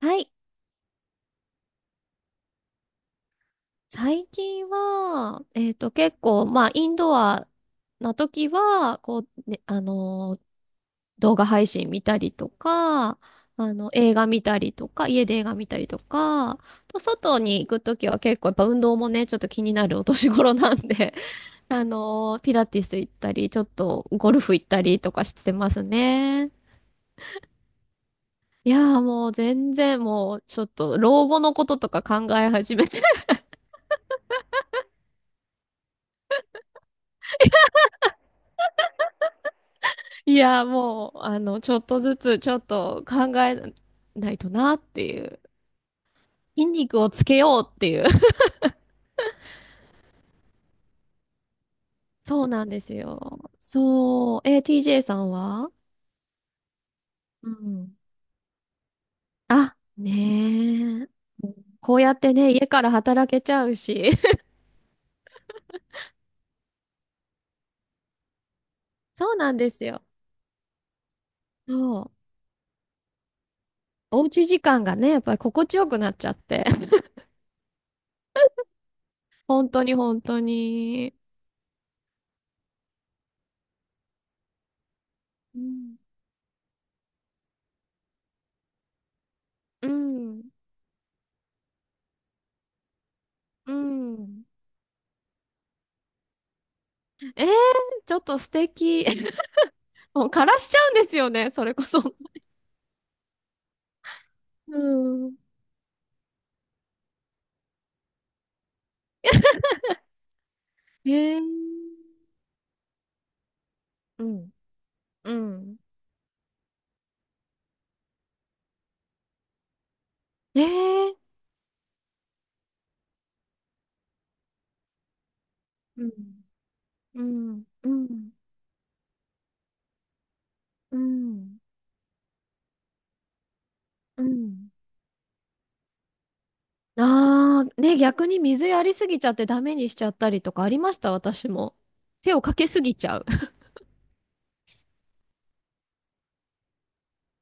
はい。最近は、結構、まあ、インドアな時は、こう、ね、動画配信見たりとか、映画見たりとか、家で映画見たりとか、あと外に行く時は結構やっぱ運動もね、ちょっと気になるお年頃なんで、ピラティス行ったり、ちょっとゴルフ行ったりとかしてますね。いやーもう全然もうちょっと老後のこととか考え始めていや、もう、ちょっとずつ、ちょっと考えないとなっていう。筋肉をつけようっていう。そうなんですよ。そう。え、TJ さんはうん。あ、ねえ。こうやってね、家から働けちゃうし。そうなんですよ。そう。おうち時間がね、やっぱり心地よくなっちゃって。本当に本当に。うん。うん。うん。えー、ちょっと素敵。もう枯らしちゃうんですよね、それこそ。うん。えー、うん。うん。えー、うん。うん。うん。うん。うんああー、ね、逆に水やりすぎちゃってダメにしちゃったりとかありました、私も。手をかけすぎちゃう。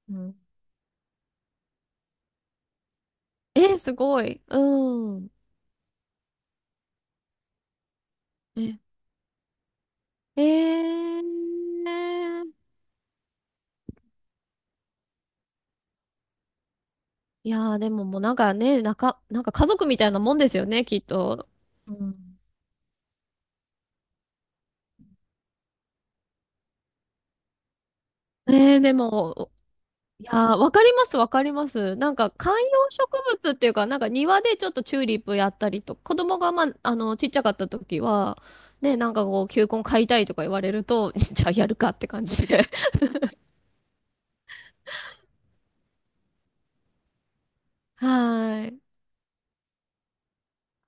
うん えー、すごい。うん。え、えー、いやー、でももうなんかね、なか、なんか家族みたいなもんですよね、きっと。うんえー、でも、いやー、わかります、わかります。なんか観葉植物っていうか、なんか庭でちょっとチューリップやったりと、子供がまあ、ちっちゃかった時は、ね、なんかこう、球根買いたいとか言われると、じゃあやるかって感じで。はーい。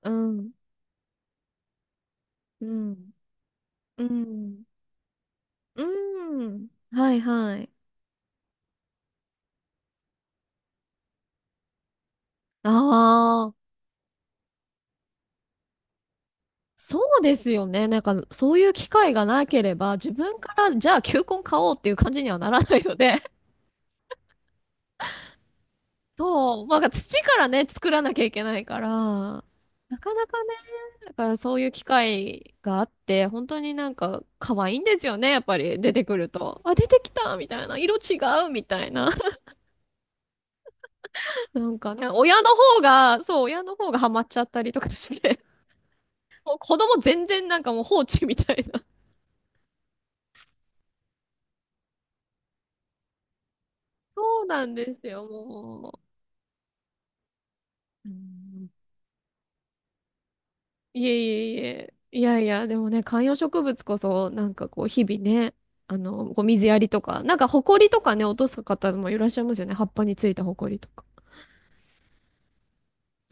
うん。うん。うん。うん。はいはい。ああ、そうですよね。なんか、そういう機会がなければ、自分から、じゃあ球根買おうっていう感じにはならないので。そう、まあ、土からね、作らなきゃいけないから、なかなかね、だからそういう機会があって、本当になんか可愛いんですよね、やっぱり出てくると。あ、出てきたみたいな、色違うみたいな。なんかね、親の方が、そう、親の方がハマっちゃったりとかして、もう子供全然なんかもう放置みたいな。そうなんですよ、もう。うんいえいえいえ。いやいや、でもね、観葉植物こそ、なんかこう、日々ね、こう水やりとか、なんか、ほこりとかね、落とす方もいらっしゃいますよね。葉っぱについたほこりとか。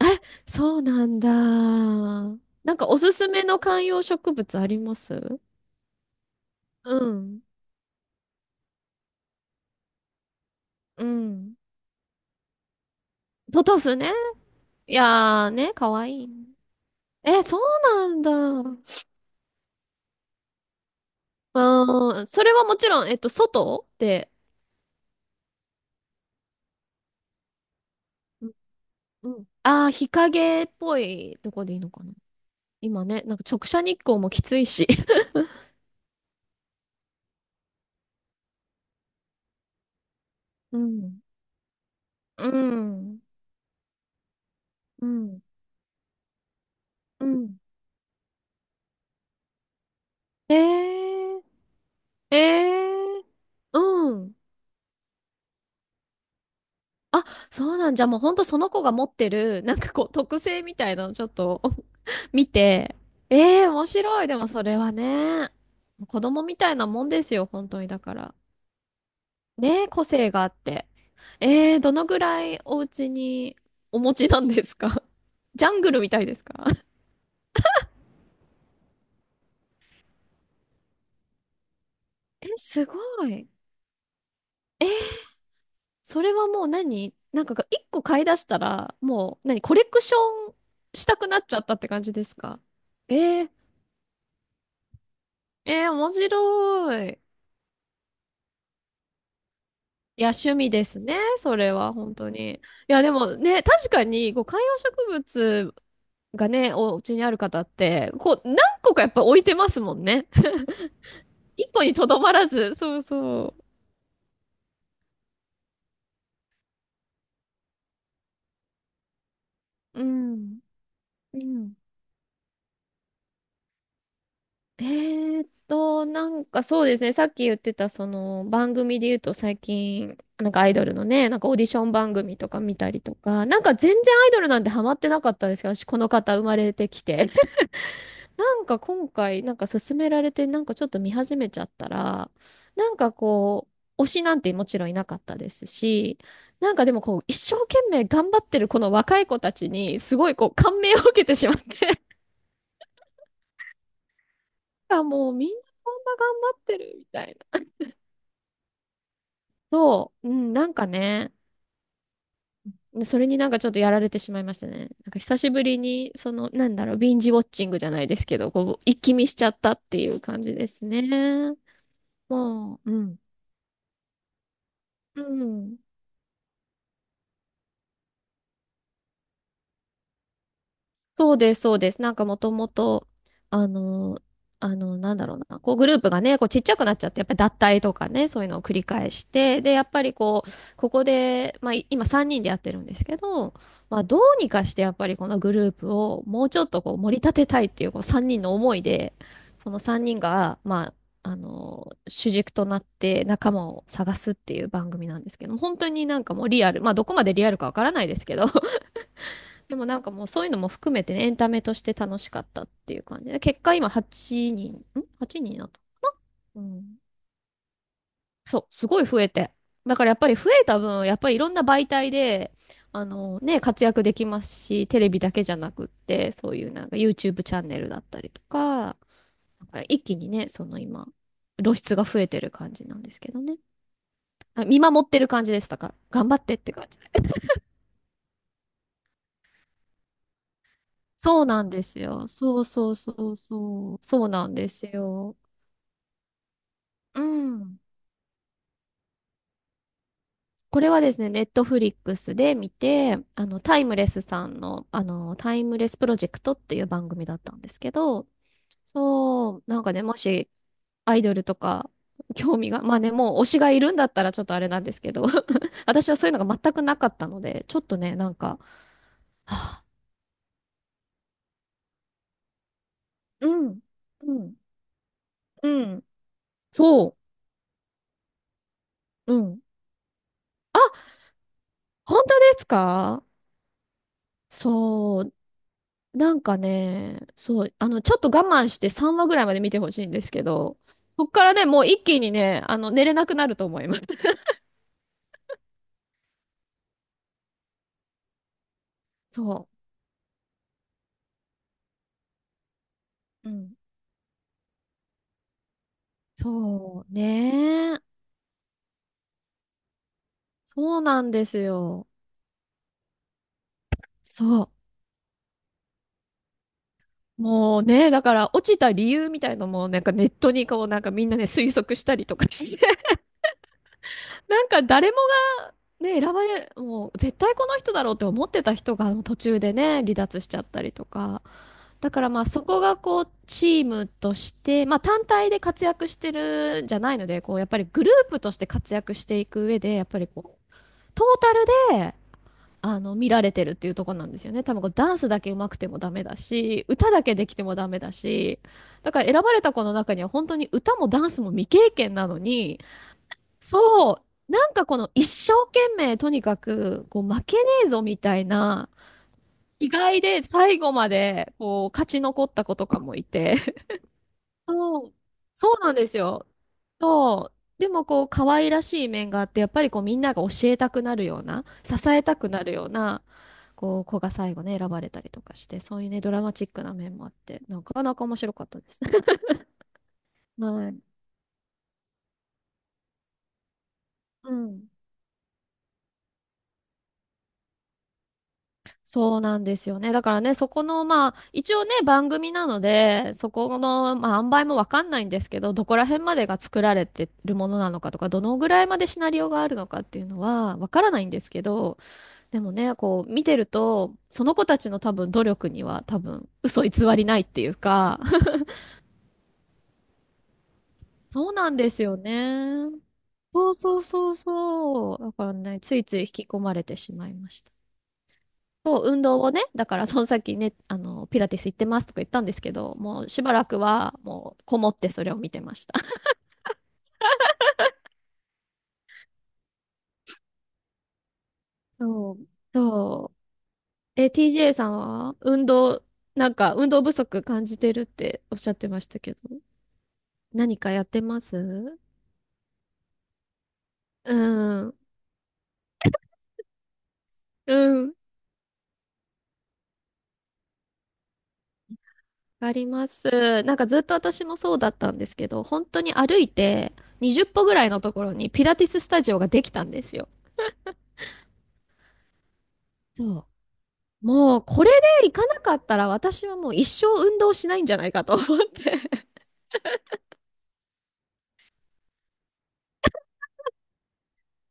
え、そうなんだ。なんか、おすすめの観葉植物ありますうん。うん。ポトスね。いやーね、かわいい。え、そうなんだ。うん、それはもちろん、外で、うん。うんああー、日陰っぽいとこでいいのかな。今ね、なんか直射日光もきついし。うん。うん、うん、うん。ええええうん。あ、そうなんじゃ、もうほんとその子が持ってる、なんかこう、特性みたいなのちょっと 見て、ええ面白い。でもそれはね、子供みたいなもんですよ、本当に。だから。ねえ、個性があって。ええどのぐらいお家にお持ちなんですか ジャングルみたいですか え、すごい。それはもう何なんかが一個買い出したら、もう何コレクションしたくなっちゃったって感じですかえー、えー、面白い。いや、趣味ですね。それは、本当に。いや、でもね、確かに、こう、観葉植物がね、お家にある方って、こう、何個かやっぱ置いてますもんね。一個にとどまらず。そうそう。うん。うん。なんかそうですね、さっき言ってたその番組で言うと最近、なんかアイドルのね、なんかオーディション番組とか見たりとか、なんか全然アイドルなんてハマってなかったんですけど、私この方生まれてきて。なんか今回、なんか勧められて、なんかちょっと見始めちゃったら、なんかこう、推しなんてもちろんいなかったですし、なんかでもこう、一生懸命頑張ってるこの若い子たちに、すごいこう、感銘を受けてしまって、あ、もうみんなこんな頑張ってるみたいな。そう、うん、なんかね、それになんかちょっとやられてしまいましたね。なんか久しぶりに、その、なんだろう、ビンジウォッチングじゃないですけど、こう、一気見しちゃったっていう感じですね。もう、うん。うん。そうです、そうです。なんかもともと、あの、あの、なんだろうな、こうグループがね、こうちっちゃくなっちゃって、やっぱり脱退とかね、そういうのを繰り返して、で、やっぱりこう、ここで、まあい今3人でやってるんですけど、まあどうにかしてやっぱりこのグループをもうちょっとこう盛り立てたいっていうこう3人の思いで、その3人が、まあ、主軸となって仲間を探すっていう番組なんですけども、本当になんかもうリアル、まあどこまでリアルかわからないですけど、でもなんかもうそういうのも含めてね、エンタメとして楽しかったっていう感じで、結果今8人、ん ?8 人になった。うん。そう、すごい増えて。だからやっぱり増えた分、やっぱりいろんな媒体で、あのね、活躍できますし、テレビだけじゃなくって、そういうなんか YouTube チャンネルだったりとか、なんか一気にね、その今、露出が増えてる感じなんですけどね。あ見守ってる感じでしただから、頑張ってって感じで。そうなんですよ。そうそうそうそう。そうなんですよ。うん。これはですね、ネットフリックスで見て、タイムレスさんの、タイムレスプロジェクトっていう番組だったんですけど、そう、なんかね、もし、アイドルとか、興味が、まあね、もう推しがいるんだったらちょっとあれなんですけど、私はそういうのが全くなかったので、ちょっとね、なんか、はあうん、うん、うん、そう、うん。あ、本当ですかそう、なんかね、そう、ちょっと我慢して3話ぐらいまで見てほしいんですけど、こっからね、もう一気にね、寝れなくなると思います。そう。うん。そう、ねそうなんですよ。そう。もうね、だから落ちた理由みたいのも、なんかネットにこう、なんかみんなね、推測したりとかして、なんか誰もね、選ばれ、もう絶対この人だろうって思ってた人が途中でね、離脱しちゃったりとか。だからまあそこがこうチームとして、まあ単体で活躍してるんじゃないので、こうやっぱりグループとして活躍していく上で、やっぱりこう、トータルで、見られてるっていうところなんですよね。多分こうダンスだけ上手くてもダメだし、歌だけできてもダメだし、だから選ばれた子の中には本当に歌もダンスも未経験なのに、そう。なんかこの一生懸命とにかくこう負けねえぞみたいな気概で最後までこう勝ち残った子とかもいて。そう。そうなんですよ。そう。でもこう可愛らしい面があってやっぱりこうみんなが教えたくなるような支えたくなるようなこう子が最後ね選ばれたりとかしてそういうねドラマチックな面もあってなかなか面白かったです。はい。うん。そうなんですよね。だからね、そこの、まあ、一応ね、番組なので、そこの、まあ、塩梅もわかんないんですけど、どこら辺までが作られてるものなのかとか、どのぐらいまでシナリオがあるのかっていうのは、わからないんですけど、でもね、こう、見てると、その子たちの多分努力には多分、嘘偽りないっていうか、そうなんですよね。そうそうそうそう。だからね、ついつい引き込まれてしまいました。そう、運動をね、だからその先ね、ピラティス行ってますとか言ったんですけど、もうしばらくはもうこもってそれを見てました。そう。そう。え、TJ さんは運動、なんか運動不足感じてるっておっしゃってましたけど、何かやってますうん。うん。わかります。なんかずっと私もそうだったんですけど、本当に歩いて20歩ぐらいのところにピラティススタジオができたんですよ。そう。もうこれで行かなかったら私はもう一生運動しないんじゃないかと思って。